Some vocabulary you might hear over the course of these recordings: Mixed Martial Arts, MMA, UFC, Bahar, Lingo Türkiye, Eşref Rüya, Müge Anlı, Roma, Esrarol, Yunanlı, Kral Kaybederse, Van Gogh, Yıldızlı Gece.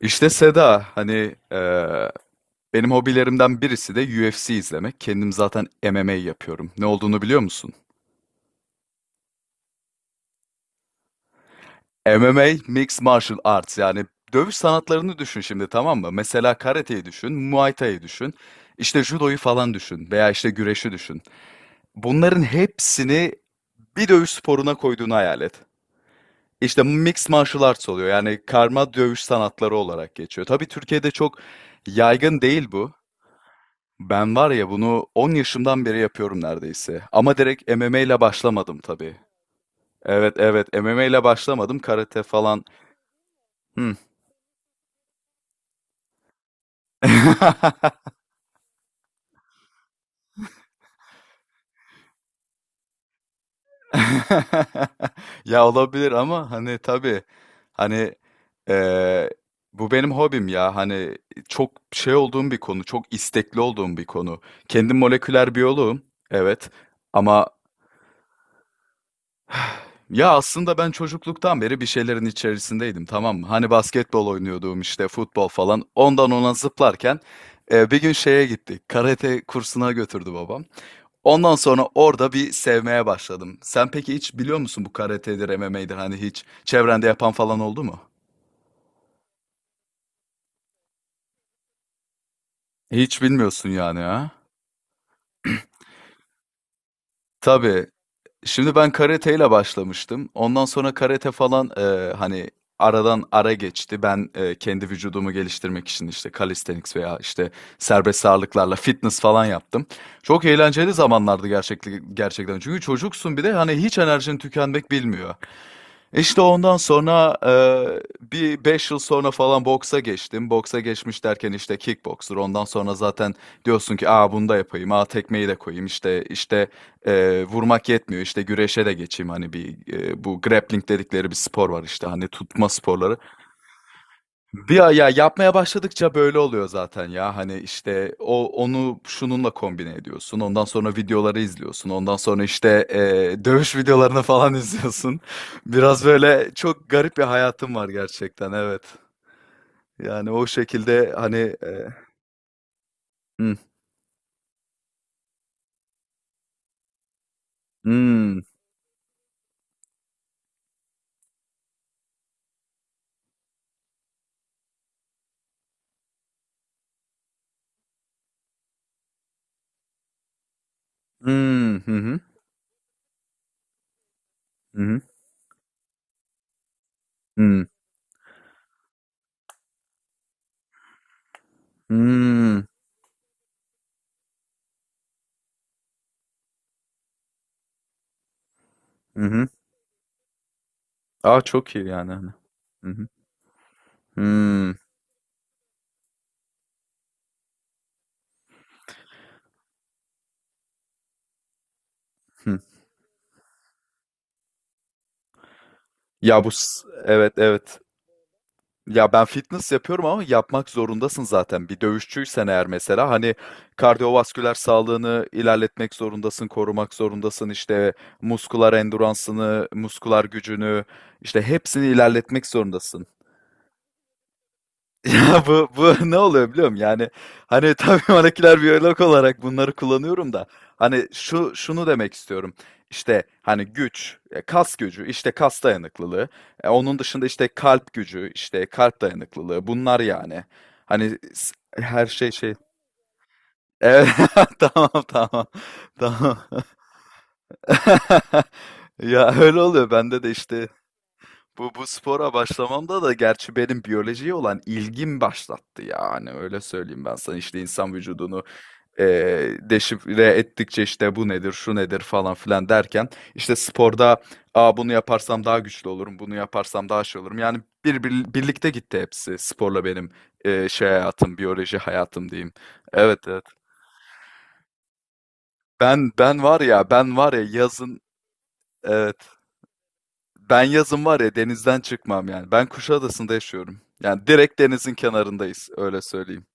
İşte Seda hani benim hobilerimden birisi de UFC izlemek. Kendim zaten MMA yapıyorum. Ne olduğunu biliyor musun? MMA Mixed Martial Arts yani dövüş sanatlarını düşün şimdi, tamam mı? Mesela karateyi düşün, Muay Thai'yi düşün, işte judoyu falan düşün veya işte güreşi düşün. Bunların hepsini bir dövüş sporuna koyduğunu hayal et. İşte Mixed Martial Arts oluyor, yani karma dövüş sanatları olarak geçiyor. Tabii Türkiye'de çok yaygın değil bu. Ben var ya bunu 10 yaşımdan beri yapıyorum neredeyse. Ama direkt MMA ile başlamadım tabii. Evet evet, MMA ile başlamadım. Karate falan. Hmm. Ya olabilir ama hani tabii hani eee, bu benim hobim ya hani çok şey olduğum bir konu, çok istekli olduğum bir konu. Kendim moleküler biyoloğum, evet, ama ya aslında ben çocukluktan beri bir şeylerin içerisindeydim, tamam mı? Hani basketbol oynuyordum, işte futbol falan. Ondan ona zıplarken bir gün şeye gittik. Karate kursuna götürdü babam. Ondan sonra orada bir sevmeye başladım. Sen peki hiç biliyor musun bu karatedir, MMA'dir, hani hiç çevrende yapan falan oldu mu? Hiç bilmiyorsun yani, ha? Tabii. Şimdi ben karateyle başlamıştım. Ondan sonra karate falan hani aradan ara geçti. Ben kendi vücudumu geliştirmek için işte calisthenics veya işte serbest ağırlıklarla fitness falan yaptım. Çok eğlenceli zamanlardı gerçekten gerçekten. Çünkü çocuksun, bir de hani hiç enerjin tükenmek bilmiyor. İşte ondan sonra, bir 5 yıl sonra falan boksa geçtim. Boksa geçmiş derken işte kickboxer. Ondan sonra zaten diyorsun ki, "A, bunu da yapayım. A, tekmeyi de koyayım." İşte işte, vurmak yetmiyor. İşte güreşe de geçeyim. Hani bir, bu grappling dedikleri bir spor var işte, hani tutma sporları. Ya yapmaya başladıkça böyle oluyor zaten ya. Hani işte onu şununla kombine ediyorsun. Ondan sonra videoları izliyorsun. Ondan sonra işte dövüş videolarını falan izliyorsun. Biraz böyle çok garip bir hayatım var gerçekten. Evet. Yani o şekilde hani eee, hı, hı, hı, hı, hı, hı, hı, hı, hı. Aa, çok iyi yani, hani. Hı hı. Hı, hı. Evet evet. Ya ben fitness yapıyorum ama yapmak zorundasın zaten. Bir dövüşçüysen eğer, mesela hani kardiyovasküler sağlığını ilerletmek zorundasın, korumak zorundasın. İşte muskular enduransını, muskular gücünü, işte hepsini ilerletmek zorundasın. Ya, bu ne oluyor biliyor musun? Yani, hani, tabii moleküler biyolog olarak bunları kullanıyorum da, hani, şunu demek istiyorum, işte, hani, güç, kas gücü, işte, kas dayanıklılığı, onun dışında, işte, kalp gücü, işte, kalp dayanıklılığı, bunlar yani. Hani, her şey şey. Evet, tamam, tamam, tamam. Ya, öyle oluyor. Bende de, işte, bu spora başlamamda da gerçi benim biyolojiye olan ilgim başlattı, yani öyle söyleyeyim. Ben sana işte insan vücudunu deşifre ettikçe işte bu nedir şu nedir falan filan derken işte sporda, "Aa, bunu yaparsam daha güçlü olurum, bunu yaparsam daha şey olurum," yani birlikte gitti hepsi sporla benim şey hayatım, biyoloji hayatım diyeyim. Evet evet, ben var ya, yazın, evet, ben yazın var ya denizden çıkmam yani. Ben Kuşadası'nda yaşıyorum. Yani direkt denizin kenarındayız, öyle söyleyeyim.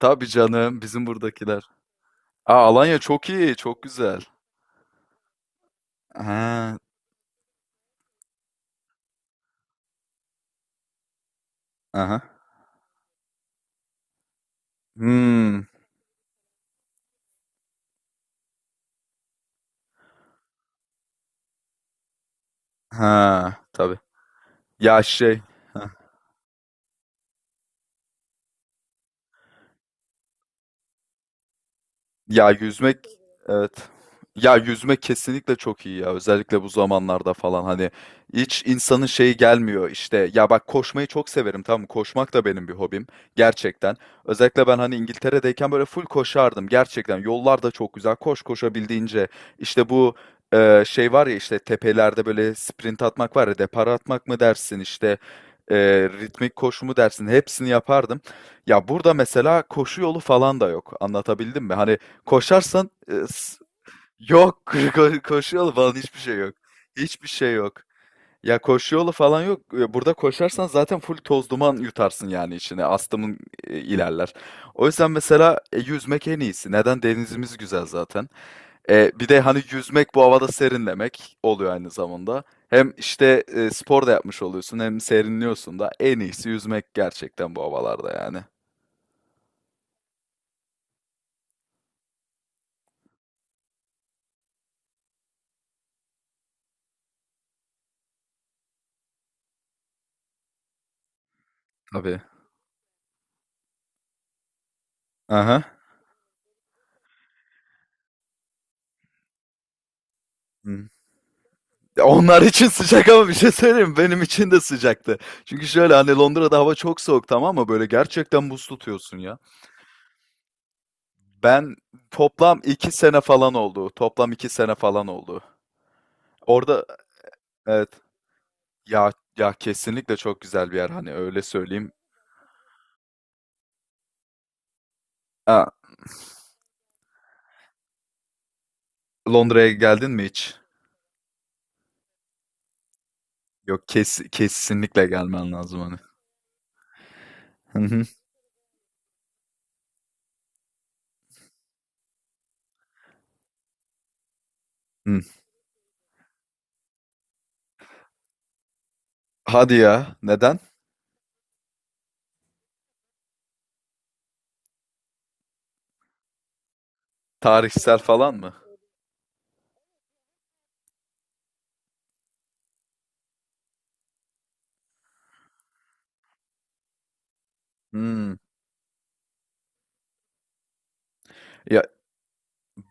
Tabii canım, bizim buradakiler. Aa, Alanya çok iyi, çok güzel. Ha, aha. Hmm. Ha, tabii. Ya şey. Ya yüzmek, evet. Ya yüzmek kesinlikle çok iyi ya. Özellikle bu zamanlarda falan hani hiç insanın şeyi gelmiyor işte. Ya bak, koşmayı çok severim, tamam mı? Koşmak da benim bir hobim gerçekten. Özellikle ben hani İngiltere'deyken böyle full koşardım gerçekten. Yollar da çok güzel. Koş koşabildiğince. İşte bu şey var ya işte tepelerde böyle sprint atmak var ya, depara atmak mı dersin, işte e, ritmik koşu mu dersin, hepsini yapardım. Ya burada mesela koşu yolu falan da yok. Anlatabildim mi? Hani koşarsan yok, koşu yolu falan hiçbir şey yok. Hiçbir şey yok. Ya koşu yolu falan yok. E, burada koşarsan zaten full toz duman yutarsın yani içine. Astımın ilerler. O yüzden mesela yüzmek en iyisi. Neden? Denizimiz güzel zaten. E, bir de hani yüzmek bu havada serinlemek oluyor aynı zamanda. Hem işte spor da yapmış oluyorsun, hem serinliyorsun da, en iyisi yüzmek gerçekten bu havalarda yani. Tabii. Aha. Hı. Ya onlar için sıcak, ama bir şey söyleyeyim mi? Benim için de sıcaktı. Çünkü şöyle, hani Londra'da hava çok soğuk, tamam mı? Böyle gerçekten buz tutuyorsun ya. Ben toplam 2 sene falan oldu. Toplam 2 sene falan oldu. Orada, evet, ya, ya kesinlikle çok güzel bir yer hani, öyle söyleyeyim. Ha, Londra'ya geldin mi hiç? Yok, kesinlikle gelmen lazım hani. Hı hı, hı. Hadi ya, neden? Tarihsel falan mı? Hmm.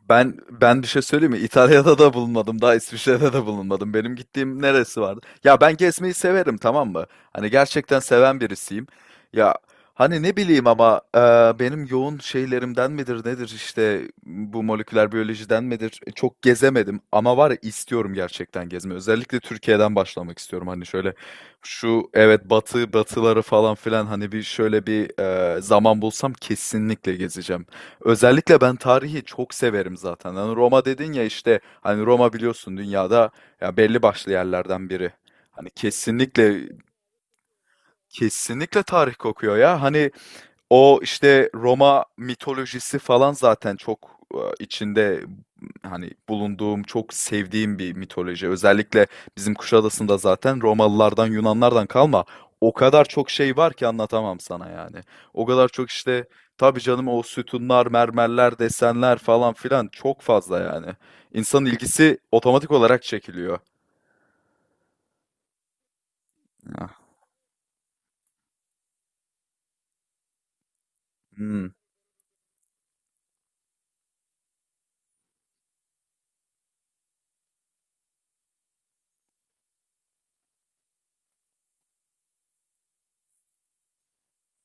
Ben bir şey söyleyeyim mi? İtalya'da da bulunmadım, daha İsviçre'de de bulunmadım. Benim gittiğim neresi vardı? Ya ben gezmeyi severim, tamam mı? Hani gerçekten seven birisiyim. Ya hani ne bileyim ama benim yoğun şeylerimden midir nedir, işte bu moleküler biyolojiden midir? E, çok gezemedim ama var ya, istiyorum gerçekten gezmeyi. Özellikle Türkiye'den başlamak istiyorum. Hani şöyle, şu, evet, batıları falan filan, hani bir şöyle bir zaman bulsam kesinlikle gezeceğim. Özellikle ben tarihi çok severim zaten. Hani Roma dedin ya, işte hani Roma biliyorsun dünyada ya belli başlı yerlerden biri. Hani kesinlikle, kesinlikle tarih kokuyor ya. Hani o, işte, Roma mitolojisi falan zaten çok, içinde, hani, bulunduğum, çok sevdiğim bir mitoloji. Özellikle bizim Kuşadası'nda zaten Romalılardan, Yunanlardan kalma o kadar çok şey var ki, anlatamam sana yani. O kadar çok, işte, tabii canım, o sütunlar, mermerler, desenler falan filan çok fazla yani. İnsanın ilgisi otomatik olarak çekiliyor. Ah. Hımm.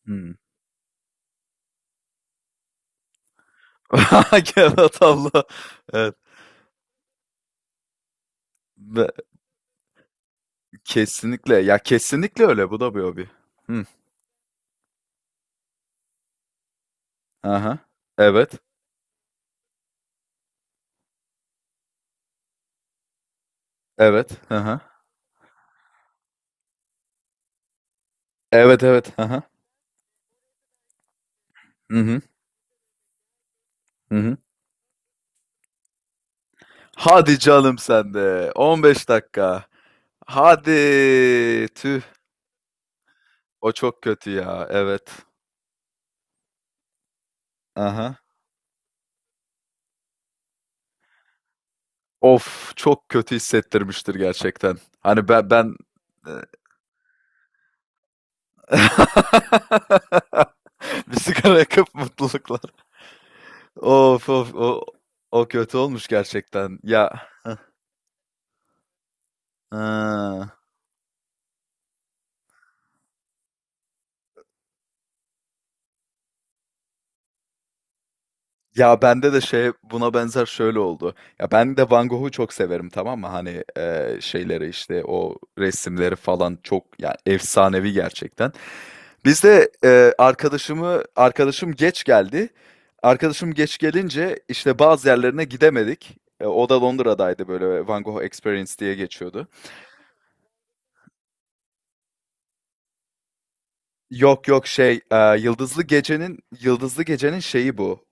Hımm. Kağıt havlu. Evet. Kesinlikle. Ya, kesinlikle öyle. Bu da bir hobi. Hıh. Hı hı. Evet. Evet. Aha. Evet, evet. Aha. Hı. Hı hı. Hı. Hadi canım sen de. 15 dakika. Hadi. Tüh. O çok kötü ya. Evet. Aha. Of, çok kötü hissettirmiştir gerçekten. Hani ben eee bir sigara yakıp mutluluklar. Of, of. O kötü olmuş gerçekten. Ya. Hıh. Hıı. Ya bende de şey, buna benzer şöyle oldu. Ya ben de Van Gogh'u çok severim, tamam mı? Hani şeyleri, işte o resimleri falan çok, yani efsanevi gerçekten. Biz de arkadaşım geç geldi. Arkadaşım geç gelince işte bazı yerlerine gidemedik. E, o da Londra'daydı, böyle Van Gogh Experience diye geçiyordu. Yok yok şey, Yıldızlı Gece'nin şeyi bu.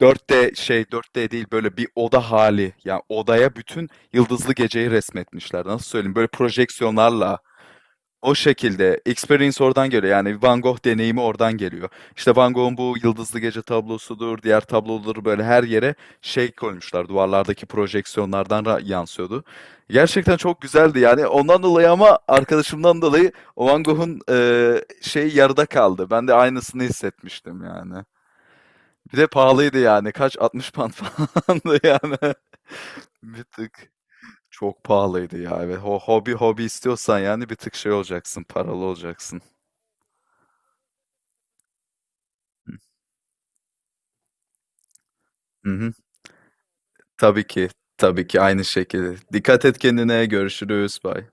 Dört d değil, böyle bir oda hali. Yani odaya bütün yıldızlı geceyi resmetmişler. Nasıl söyleyeyim? Böyle projeksiyonlarla, o şekilde experience oradan geliyor. Yani Van Gogh deneyimi oradan geliyor. İşte Van Gogh'un bu yıldızlı gece tablosudur, diğer tabloları böyle her yere şey koymuşlar. Duvarlardaki projeksiyonlardan yansıyordu. Gerçekten çok güzeldi yani. Ondan dolayı, ama arkadaşımdan dolayı o Van Gogh'un şey yarıda kaldı. Ben de aynısını hissetmiştim yani. Bir de pahalıydı yani. Kaç? £60 falandı yani. Bir tık çok pahalıydı ya. Evet. Hobi hobi istiyorsan, yani bir tık şey olacaksın, paralı olacaksın. Hı hı. Tabii ki. Tabii ki, aynı şekilde. Dikkat et kendine. Görüşürüz. Bye.